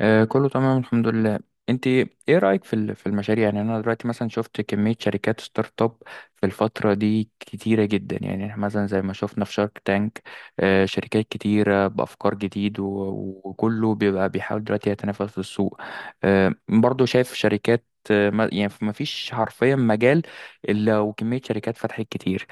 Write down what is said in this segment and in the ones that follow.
آه، كله تمام الحمد لله. انت ايه رأيك في في المشاريع؟ يعني انا دلوقتي مثلا شفت كمية شركات ستارت اب في الفترة دي كتيرة جدا. يعني احنا مثلا زي ما شفنا في شارك تانك، آه شركات كتيرة بأفكار جديد و- وكله بيبقى بيحاول دلوقتي يتنافس في السوق. برضو شايف شركات، يعني ما فيش حرفيا مجال الا وكمية شركات فتحت كتير.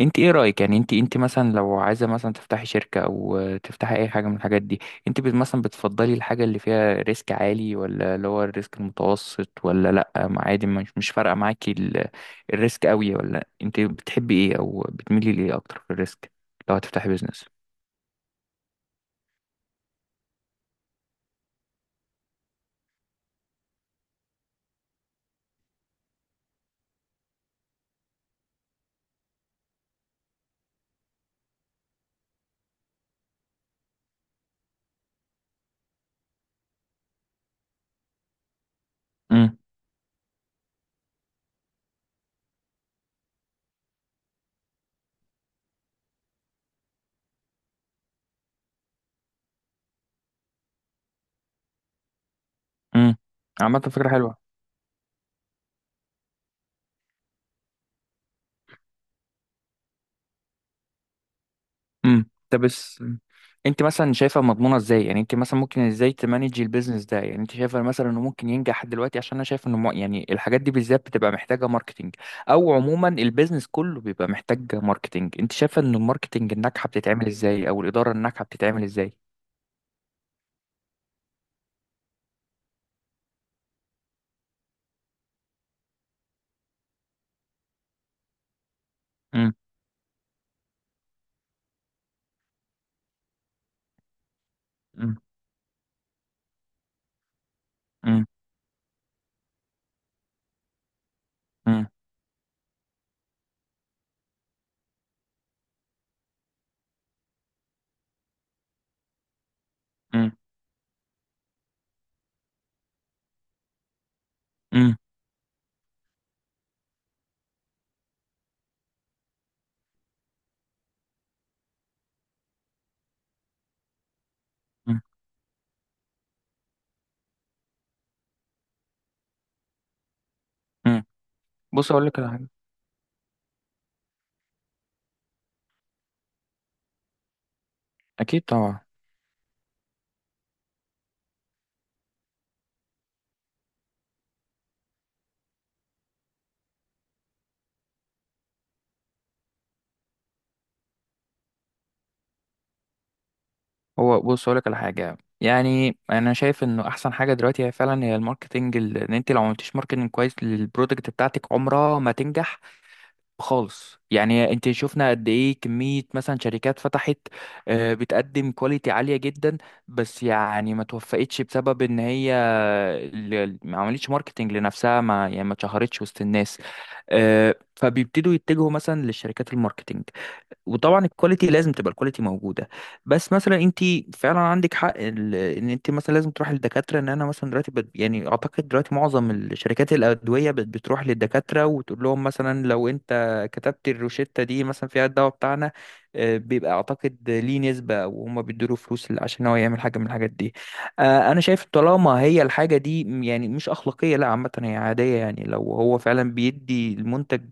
انت ايه رأيك؟ يعني انت مثلا لو عايزة مثلا تفتحي شركة او تفتحي اي حاجة من الحاجات دي، انت مثلا بتفضلي الحاجة اللي فيها ريسك عالي، ولا اللي هو الريسك المتوسط، ولا لا ما عادي مش فارقة معاكي الريسك قوي؟ ولا انت بتحبي ايه او بتميلي لايه اكتر في الريسك لو هتفتحي بيزنس؟ امم. امم. عامة فكرة حلوة. امم. ده بس، انت مثلا شايفه مضمونه ازاي؟ يعني انت مثلا ممكن ازاي تمانجي البيزنس ده؟ يعني انت شايفه مثلا انه ممكن ينجح دلوقتي؟ عشان انا شايف انه يعني الحاجات دي بالذات بتبقى محتاجه ماركتينج، او عموما البيزنس كله بيبقى محتاج ماركتينج. انت شايفه ان الماركتينج الناجحه بتتعمل ازاي؟ او الاداره الناجحه بتتعمل ازاي؟ امم. امم. امم. امم. امم. امم. بص اقول لك على حاجه. اكيد طبعا. هو بص اقول لك على حاجه، يعني انا شايف انه احسن حاجه دلوقتي هي فعلا هي الماركتنج. ان انت لو ما عملتيش ماركتنج كويس للبرودكت بتاعتك عمرها ما تنجح خالص. يعني انت شفنا قد ايه كميه مثلا شركات فتحت، بتقدم كواليتي عاليه جدا، بس يعني ما توفقتش بسبب ان هي ما عملتش ماركتنج لنفسها، ما يعني ما اتشهرتش وسط الناس. فبيبتدوا يتجهوا مثلا للشركات الماركتنج، وطبعا الكواليتي لازم تبقى الكواليتي موجوده. بس مثلا انت فعلا عندك حق ان انت مثلا لازم تروح للدكاتره. ان انا مثلا دلوقتي يعني اعتقد دلوقتي معظم الشركات الادويه بتروح للدكاتره وتقول لهم مثلا: لو انت كتبت الروشته دي مثلا فيها الدواء بتاعنا، بيبقى اعتقد ليه نسبه، وهم بيدوا له فلوس عشان هو يعمل حاجه من الحاجات دي. انا شايف طالما هي الحاجه دي يعني مش اخلاقيه، لا عامه هي عاديه. يعني لو هو فعلا بيدي المنتج،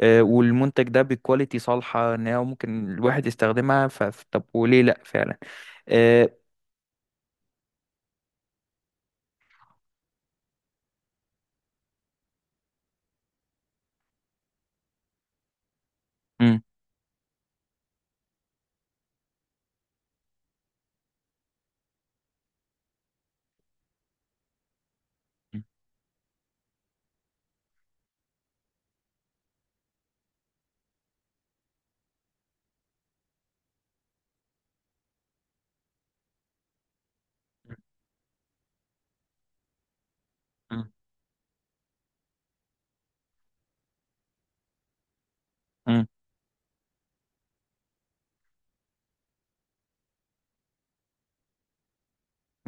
والمنتج ده بكواليتي صالحة ان هو ممكن الواحد يستخدمها، طب وليه لا فعلا. آه، مم، مم، مم، مم،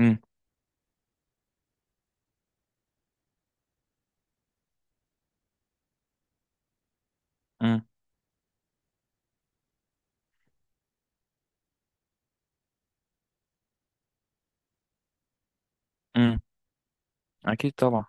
مم، مم، مم. اكيد طبعا.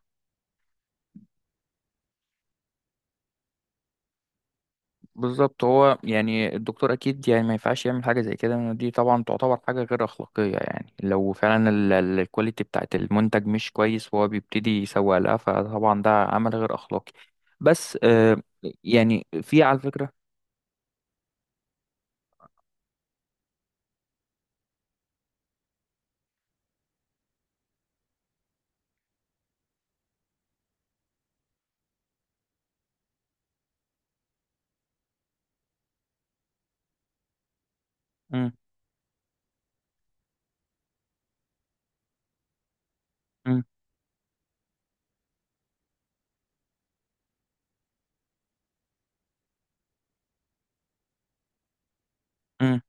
بالظبط. هو يعني الدكتور اكيد يعني ما ينفعش يعمل حاجة زي كده، لأن دي طبعا تعتبر حاجة غير اخلاقية. يعني لو فعلا الكواليتي بتاعت المنتج مش كويس وهو بيبتدي يسوق لها، فطبعا ده عمل غير اخلاقي. بس يعني في على فكرة. مم، مم،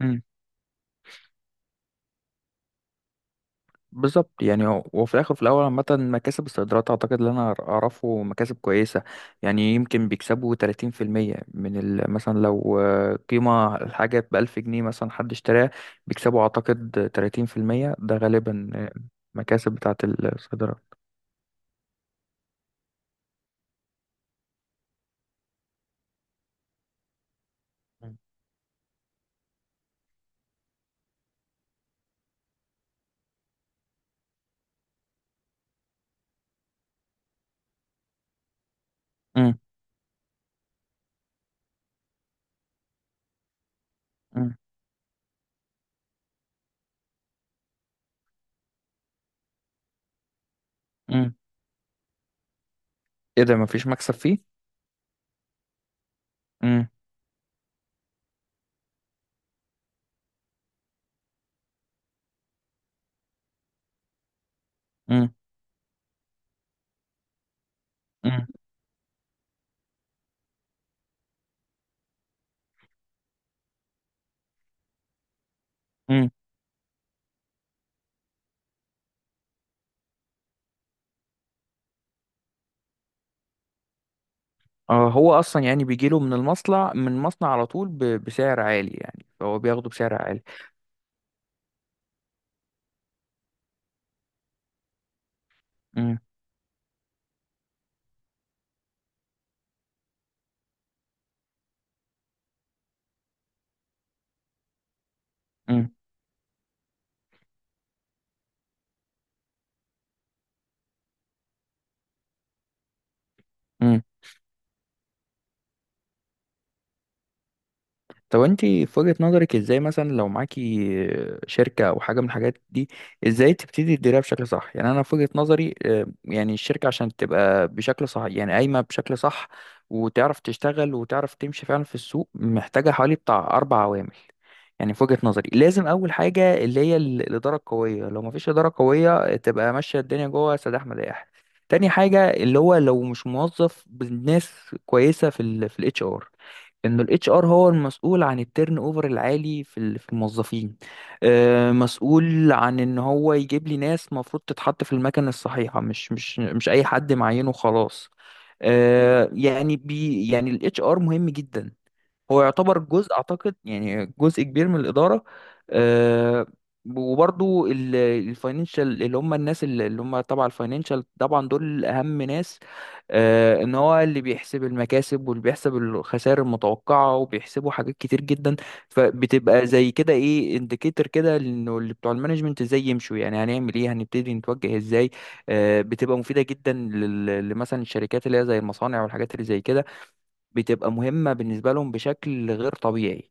مم. بالظبط. يعني هو في الاخر في الاول عامه مكاسب الصادرات، اعتقد اللي انا اعرفه مكاسب كويسه. يعني يمكن بيكسبوا 30% من مثلا لو، قيمه الحاجه ب 1000 جنيه مثلا حد اشتراها، بيكسبوا اعتقد 30%، ده غالبا مكاسب بتاعه الصادرات. مم. امم. امم. امم. ايه ده؟ مفيش مكسب فيه؟ امم. امم. امم. امم. آه، هو اصلا يعني بيجيله من المصنع، من المصنع على طول بسعر عالي، يعني فهو بياخده بسعر عالي. امم. امم. طب انت في وجهة نظرك ازاي، مثلا لو معاكي شركة او حاجة من الحاجات دي، ازاي تبتدي تديرها بشكل صح؟ يعني انا في وجهة نظري يعني الشركة عشان تبقى بشكل صح، يعني قايمة بشكل صح وتعرف تشتغل وتعرف تمشي فعلا في السوق، محتاجة حوالي بتاع اربع عوامل. يعني في وجهة نظري لازم اول حاجة اللي هي الادارة القوية. لو مفيش ادارة قوية تبقى ماشية الدنيا جوه سداح مداح. تاني حاجة اللي هو لو مش موظف بالناس كويسة في ال في الاتش ار. انه الاتش ار هو المسؤول عن التيرن اوفر العالي في في الموظفين. مسؤول عن ان هو يجيب لي ناس مفروض تتحط في المكان الصحيحه، مش اي حد معينه خلاص. يعني يعني الاتش ار مهم جدا، هو يعتبر جزء، اعتقد يعني جزء كبير من الاداره. آه، وبرضو الفاينانشال، اللي هم الناس اللي هم تبع الفاينانشال، طبعا دول اهم ناس. ان هو اللي بيحسب المكاسب واللي بيحسب الخسائر المتوقعه، وبيحسبوا حاجات كتير جدا. فبتبقى زي كده ايه، انديكيتور كده انه اللي بتوع المانجمنت ازاي يمشوا، يعني هنعمل ايه، هنبتدي نتوجه ازاي. بتبقى مفيده جدا لل- لمثلا الشركات اللي هي زي المصانع والحاجات اللي زي كده، بتبقى مهمة بالنسبة لهم بشكل غير طبيعي.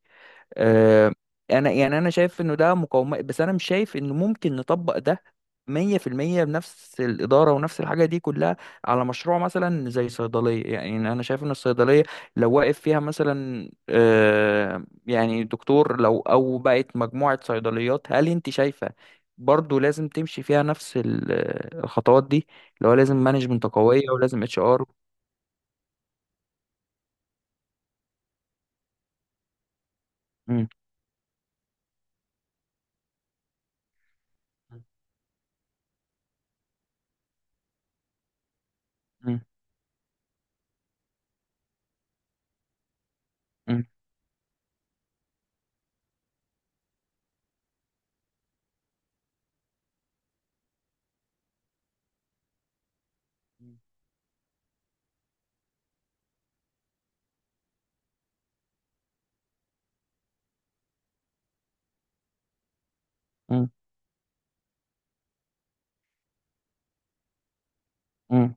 آه، انا يعني انا شايف انه ده مقاومة، بس انا مش شايف انه ممكن نطبق ده 100% بنفس الإدارة ونفس الحاجة دي كلها على مشروع مثلا زي صيدلية. يعني أنا شايف إن الصيدلية لو واقف فيها مثلا، يعني دكتور، لو أو بقت مجموعة صيدليات، هل أنت شايفة برضو لازم تمشي فيها نفس الخطوات دي، اللي هو لازم مانجمنت قوية ولازم اتش ار؟ مم. مم.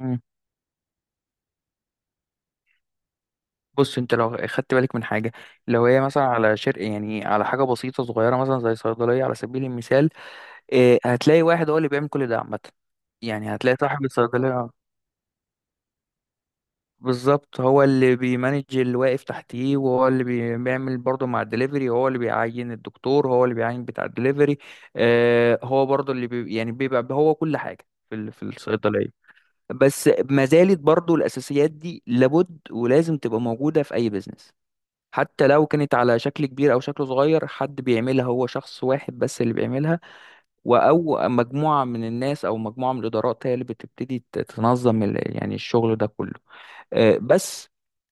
مم. بص، انت لو خدت بالك من حاجه، لو هي مثلا على شرق، يعني على حاجه بسيطه صغيره مثلا زي صيدليه على سبيل المثال، اه، هتلاقي واحد هو اللي بيعمل كل ده عامه. يعني هتلاقي صاحب الصيدليه بالظبط هو اللي بيمانج اللي واقف تحتيه، وهو اللي بيعمل برضه مع الدليفري، هو اللي بيعين الدكتور، هو اللي بيعين بتاع الدليفري. اه، هو برضه اللي يعني بيبقى هو كل حاجه في في الصيدليه. بس ما زالت برضه الاساسيات دي لابد ولازم تبقى موجوده في اي بزنس، حتى لو كانت على شكل كبير او شكل صغير. حد بيعملها هو شخص واحد بس اللي بيعملها، او مجموعه من الناس او مجموعه من الادارات هي اللي بتبتدي تنظم يعني الشغل ده كله. آه، بس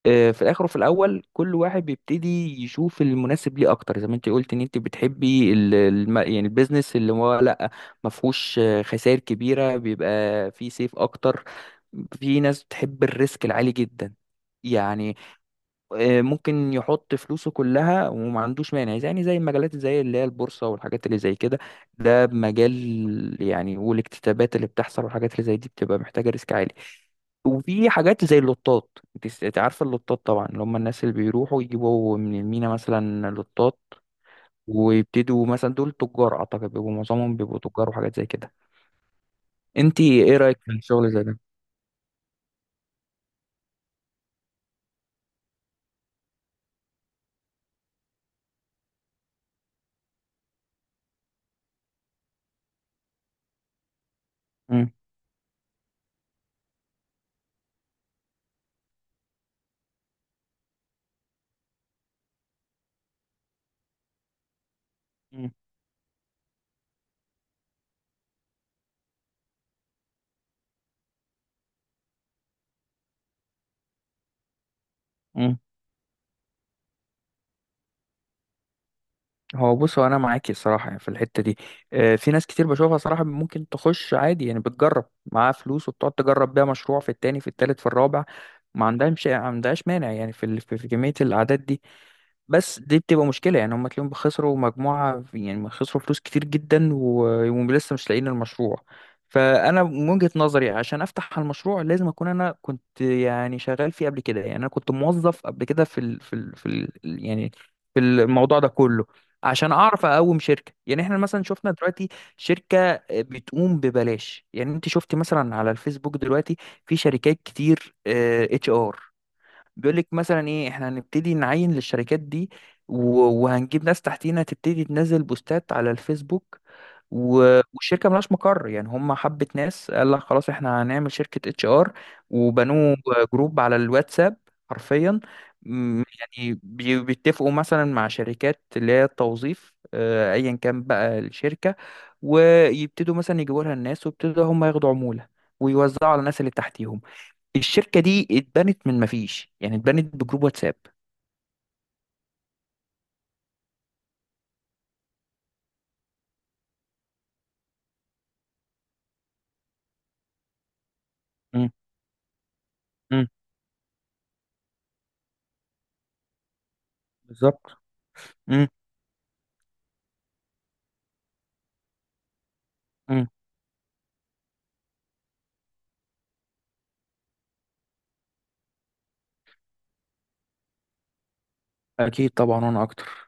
آه، في الاخر وفي الاول كل واحد بيبتدي يشوف المناسب ليه اكتر. زي ما انت قلت ان انت بتحبي يعني البيزنس اللي هو لا ما فيهوش خسائر كبيره، بيبقى فيه سيف اكتر. في ناس بتحب الريسك العالي جدا، يعني ممكن يحط فلوسه كلها وما عندوش مانع، يعني زي المجالات زي اللي هي البورصة والحاجات اللي زي كده. ده مجال يعني، والاكتتابات اللي بتحصل والحاجات اللي زي دي بتبقى محتاجة ريسك عالي. وفي حاجات زي اللوتات، انت عارفة اللوتات طبعا، اللي هم الناس اللي بيروحوا يجيبوا من المينا مثلا لوتات ويبتدوا مثلا. دول تجار اعتقد، بيبقوا معظمهم بيبقوا تجار وحاجات زي كده. انت ايه رأيك في الشغل زي ده؟ مم. مم. هو بص، هو انا معاكي الصراحه يعني في الحته دي. في ناس كتير بشوفها صراحه ممكن تخش عادي، يعني بتجرب معاها فلوس وبتقعد تجرب بيها مشروع في التاني، في التالت، في الرابع، ما عندهاش مانع يعني في في كميه الاعداد دي. بس دي بتبقى مشكلة، يعني هم تلاقيهم خسروا مجموعة، يعني خسروا فلوس كتير جدا، و- ولسه مش لاقيين المشروع. فأنا من وجهة نظري عشان أفتح المشروع لازم أكون أنا كنت يعني شغال فيه قبل كده، يعني أنا كنت موظف قبل كده في ال في ال في ال يعني في الموضوع ده كله، عشان أعرف أقوم شركة. يعني إحنا مثلا شفنا دلوقتي شركة بتقوم ببلاش، يعني أنت شفت مثلا على الفيسبوك دلوقتي في شركات كتير اتش ار بيقول لك مثلا: ايه، احنا هنبتدي نعين للشركات دي، و- وهنجيب ناس تحتينا تبتدي تنزل بوستات على الفيسبوك، و- والشركه ملهاش مقر. يعني هم حبه ناس قال لك خلاص، احنا هنعمل شركه اتش ار، وبنوه جروب على الواتساب حرفيا. يعني بيتفقوا مثلا مع شركات اللي هي التوظيف، ايا كان بقى الشركه، ويبتدوا مثلا يجيبوا لها الناس، ويبتدوا هم ياخدوا عموله ويوزعوا على الناس اللي تحتيهم. الشركه دي اتبنت من ما فيش، يعني اتبنت بجروب واتساب. امم. امم. بالظبط. امم. امم. اكيد طبعا، وانا اكتر.